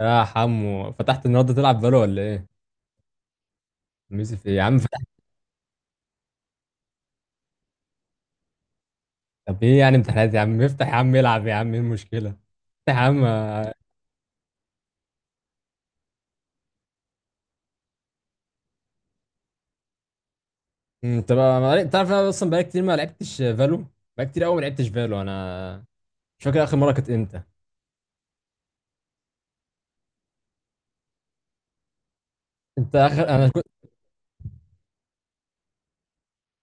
يا حمو فتحت النهارده تلعب بالو ولا ايه؟ ميسي في إيه؟ يا عم فتح. طب ايه يعني امتحانات، يا عم افتح، يا عم العب، يا عم ايه المشكله؟ افتح يا عم آه. طب تعرف انا اصلا بقالي كتير ما لعبتش فالو. بقالي كتير قوي ما لعبتش فالو انا. مش فاكر اخر مره كانت امتى. انت اخر انا كنت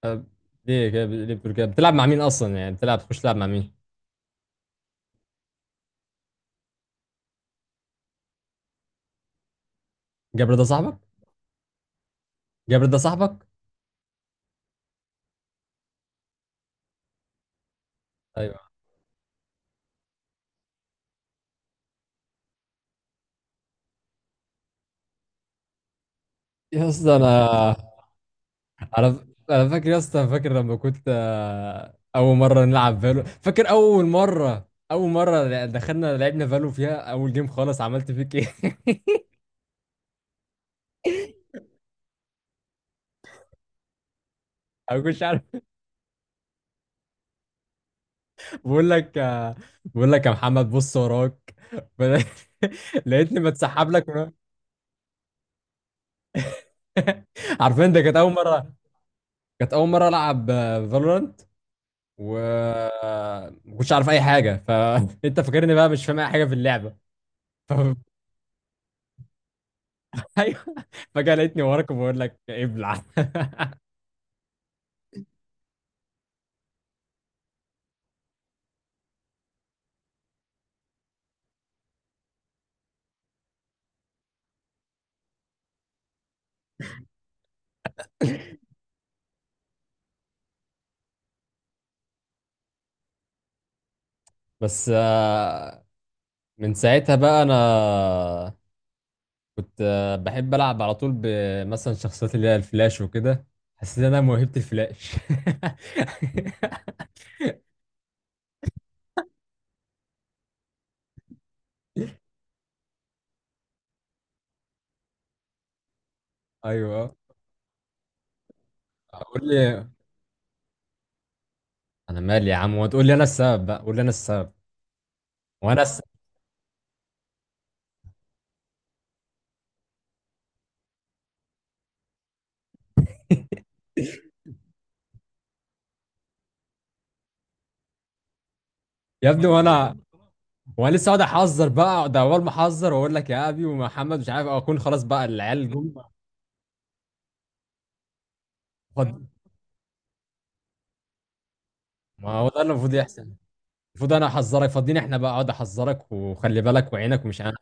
آه، ليه كده؟ ليه بتقول كده؟ بتلعب مع مين اصلا؟ يعني بتلعب تخش تلعب مع مين؟ جابر ده صاحبك؟ جابر ده صاحبك؟ ايوه يا اسطى انا. على انا فاكر يا اسطى، فاكر لما كنت اول مره نلعب فالو؟ فاكر اول مره دخلنا لعبنا فالو فيها اول جيم خالص، عملت فيك ايه؟ انا مش عارف. بقول لك بقول لك يا محمد بص وراك بدأ- لقيتني بتسحب لك عارفين، ده كانت اول مره. كانت اول مره العب فالورانت، و ما كنتش عارف اي حاجه، فانت فاكرني بقى مش فاهم اي حاجه في اللعبه. ف... ايوه، فجاه لقيتني وراك وبقول لك إيه، ابلع. بس من ساعتها بقى انا كنت بحب العب على طول بمثلا شخصيات اللي هي الفلاش وكده. حسيت ان انا موهبة الفلاش. ايوه قول لي. انا مالي يا عم؟ وتقول لي انا السبب بقى؟ قول لي انا السبب. وانا الس... يا ابني، وانا لسه اقعد احذر بقى، اقعد اول ما احذر واقول لك يا ابي ومحمد، مش عارف اكون خلاص بقى العيال جم. فض- ما هو ده اللي المفروض يحصل. المفروض انا احذرك، فاضيين احنا بقى اقعد احذرك وخلي بالك وعينك، ومش انا.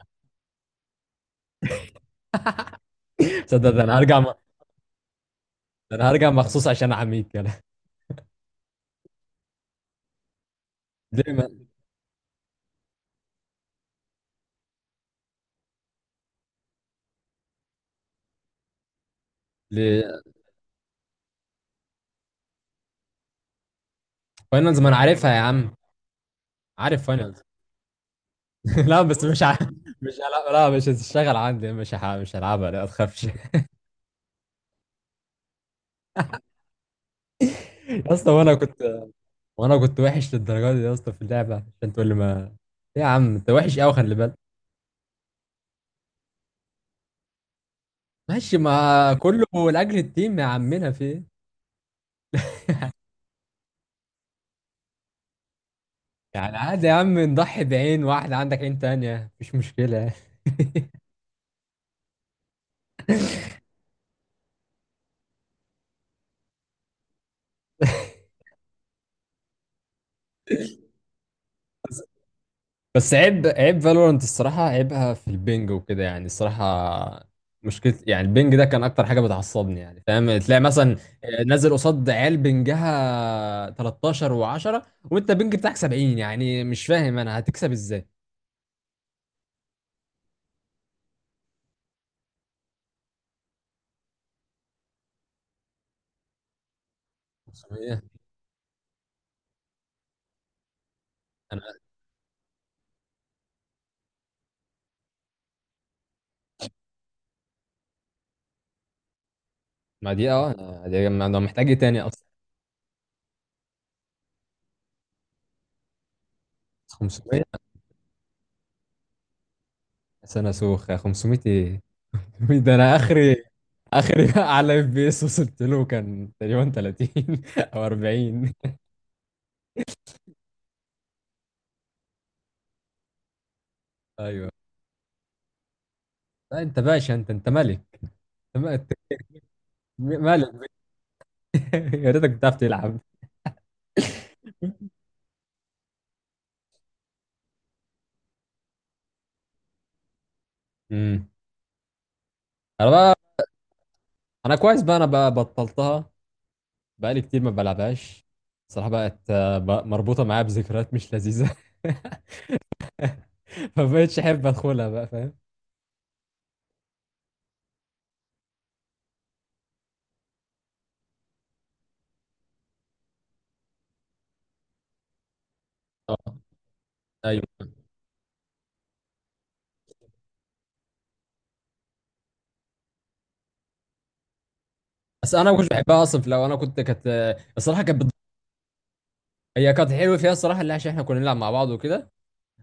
تصدق ده انا هرجع. انا هرجع مخصوص عشان احميك، يلا. ليه ما ليه؟ فاينلز ما انا عارفها يا عم، عارف فاينلز. لا بس مش هلعب. لا مش هتشتغل عندي. مش هلعبها لا ما تخافش. يا اسطى، وانا كنت. وانا كنت وحش للدرجه دي يا اسطى في اللعبه عشان تقول لي ما؟ إيه يا عم، انت وحش قوي خلي بالك. ماشي ما كله لاجل التيم، يا عمنا في ايه؟ يعني عادي يا عم نضحي بعين واحد، عندك عين تانية، مفيش مشكله. بس عيب، عيب فالورانت الصراحة عيبها في البنج وكده يعني الصراحة. مشكلة يعني البنج ده كان أكتر حاجة بتعصبني، يعني فاهم؟ تلاقي مثلا نازل قصاد عيال بنجها 13 و10، وأنت بنج بتاعك 70، يعني مش فاهم أنا هتكسب إزاي. 500 أنا؟ ما دي أه، أنا دي ما أنا محتاج إيه تاني أصلا؟ 500 سنة سوخة، 500 إيه؟ ده أنا آخري. آخري على FPS وصلت له كان تقريبا 30 أو 40. أيوه لا انت باشا، انت انت ملك. انت ملك. يا ريتك بتعرف تلعب. امم، انا بقى. انا كويس بقى، انا بقى بطلتها. بقالي كتير ما بلعبهاش. صراحة بقت بقى مربوطة معايا بذكريات مش لذيذة. فبقتش احب ادخلها بقى، فاهم؟ اه ايوه. بس انا ما كنتش بحبها اصلا. لو انا كنت كانت الصراحة كانت هي كانت حلوة فيها الصراحة، اللي عشان احنا كنا نلعب مع بعض وكده.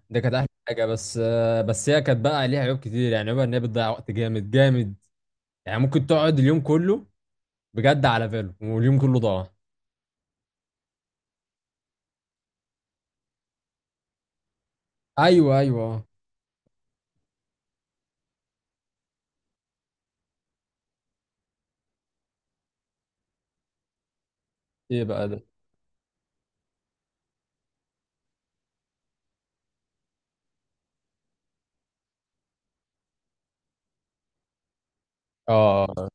ده كانت احلى حاجة، بس بس هي كانت بقى ليها عيوب كتير يعني. عيوبها ان هي بتضيع وقت جامد جامد. يعني ممكن تقعد اليوم كله بجد على فيلو، واليوم كله ضاع. ايوه ايوه آه. ايه بقى ده؟ اه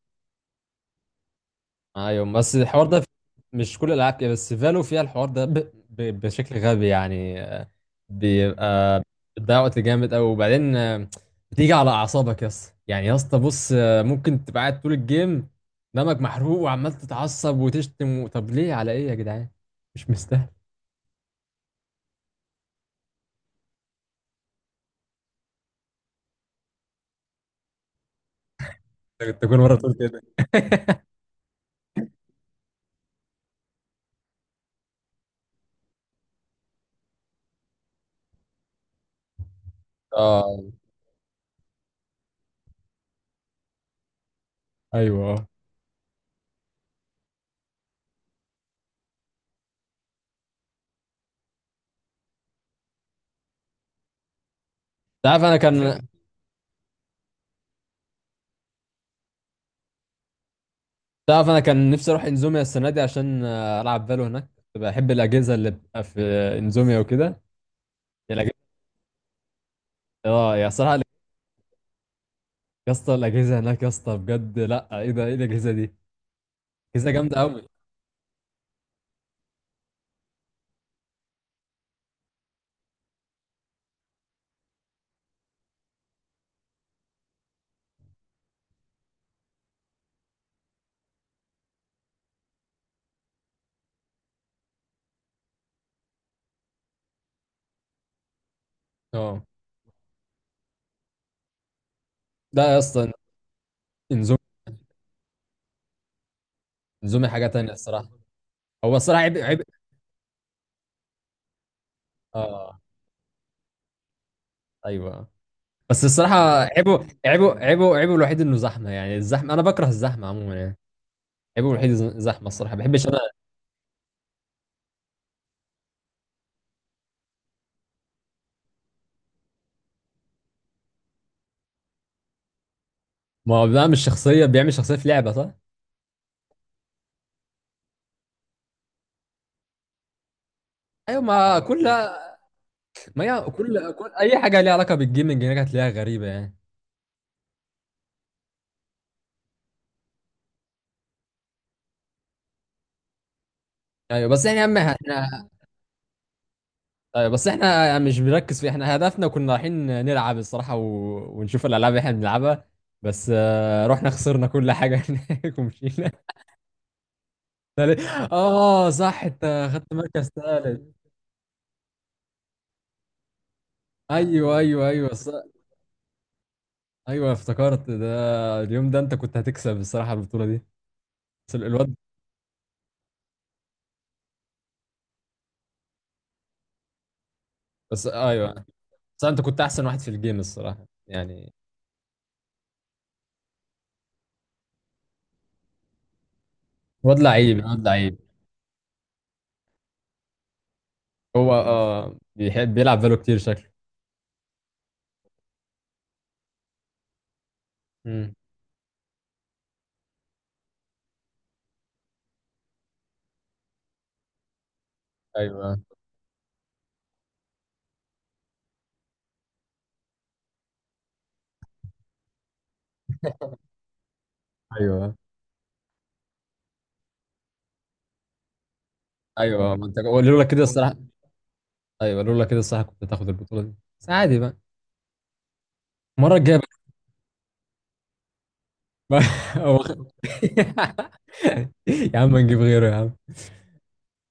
ايوه. بس الحوار ده مش كل الالعاب كده، بس فالو فيها الحوار ده بشكل غبي يعني بيبقى بتضيع وقت جامد قوي، وبعدين بتيجي على اعصابك يا اسطى. يعني يا اسطى بص ممكن تبقى قاعد طول الجيم دمك محروق وعمال تتعصب وتشتم طب ليه؟ على ايه يا جدعان؟ مش مستاهل. انت كنت كل مره بتقول كده. اه ايوه انت. عارف انا كان. تعرف انا كان نفسي اروح انزوميا السنه دي عشان العب فالو هناك. كنت بحب الاجهزه اللي بتبقى في انزوميا وكده. الاجهزه، اه يا صراحه. يا اسطى الاجهزه هناك يا اسطى بجد، لا ايه ده؟ ايه الاجهزه دي؟ اجهزه جامده قوي. اه لا يا اسطى، انزوميا. انزوميا حاجه تانية الصراحه. هو الصراحه عيب، عيب. اه ايوه بس الصراحه عيبه الوحيد انه زحمه يعني. الزحمه انا بكره الزحمه عموما يعني. عيبه الوحيد زحمه الصراحه، ما بحبش انا. ما هو بيعمل شخصيه، بيعمل شخصيه في لعبه، صح؟ ايوه ما كلها، ما هي كل كل اي حاجه ليها علاقه بالجيمنج هناك هتلاقيها غريبه يعني. ايوه بس احنا يا عم احنا، ايوه بس احنا مش بنركز في، احنا هدفنا كنا رايحين نلعب الصراحه ونشوف الالعاب اللي احنا بنلعبها، بس رحنا خسرنا كل حاجه هناك ومشينا. اه صح، انت خدت مركز ثالث. ايوه ص... ايوه افتكرت ده. اليوم ده انت كنت هتكسب الصراحه البطوله دي. بس الواد، بس ايوه، بس انت كنت احسن واحد في الجيم الصراحه يعني. واد لعيب، واد لعيب. هو اه، بيحب بيلعب فالو كتير شكله. مم. ايوه ايوه ايوه ما انت هو لولا كده الصراحه. ايوه لولا كده الصراحه كنت هتاخد البطوله دي، بس عادي بقى، المره الجايه. بقى هو خ- يا عم نجيب غيره يا عم.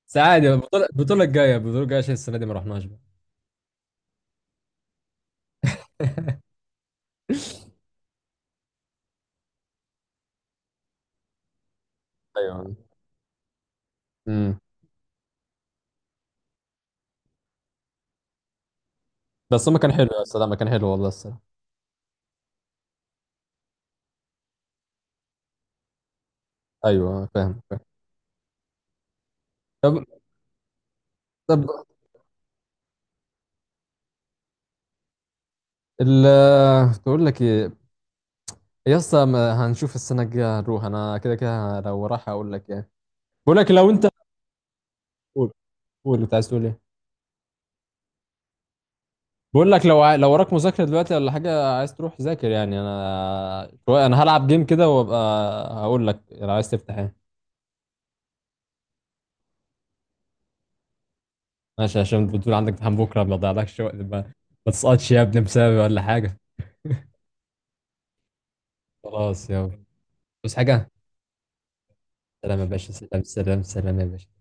بس عادي بقى، البطوله الجايه عشان السنه دي ما رحناش بقى. ايوه، امم. بس هما كان حلو يا استاذ، ما كان حلو والله الصراحه. ايوه فاهم فاهم. طب، طب ال بقول لك ايه، يا اسطى ما هنشوف السنه الجايه هنروح. انا كده كده لو راح اقول لك ايه، بقول لك لو انت. قول. قول اللي عايز تقول ايه. بقول لك لو لو وراك مذاكره دلوقتي ولا حاجه عايز تروح ذاكر يعني، انا انا هلعب جيم كده وابقى هقول لك لو عايز تفتح ايه. ماشي، عشان بتقول عندك امتحان بكره، ما تضيعلكش وقت، ما ما تسقطش يا ابني بسببي ولا حاجه. خلاص يلا. بس حاجه. سلام يا باشا، سلام سلام سلام يا باشا.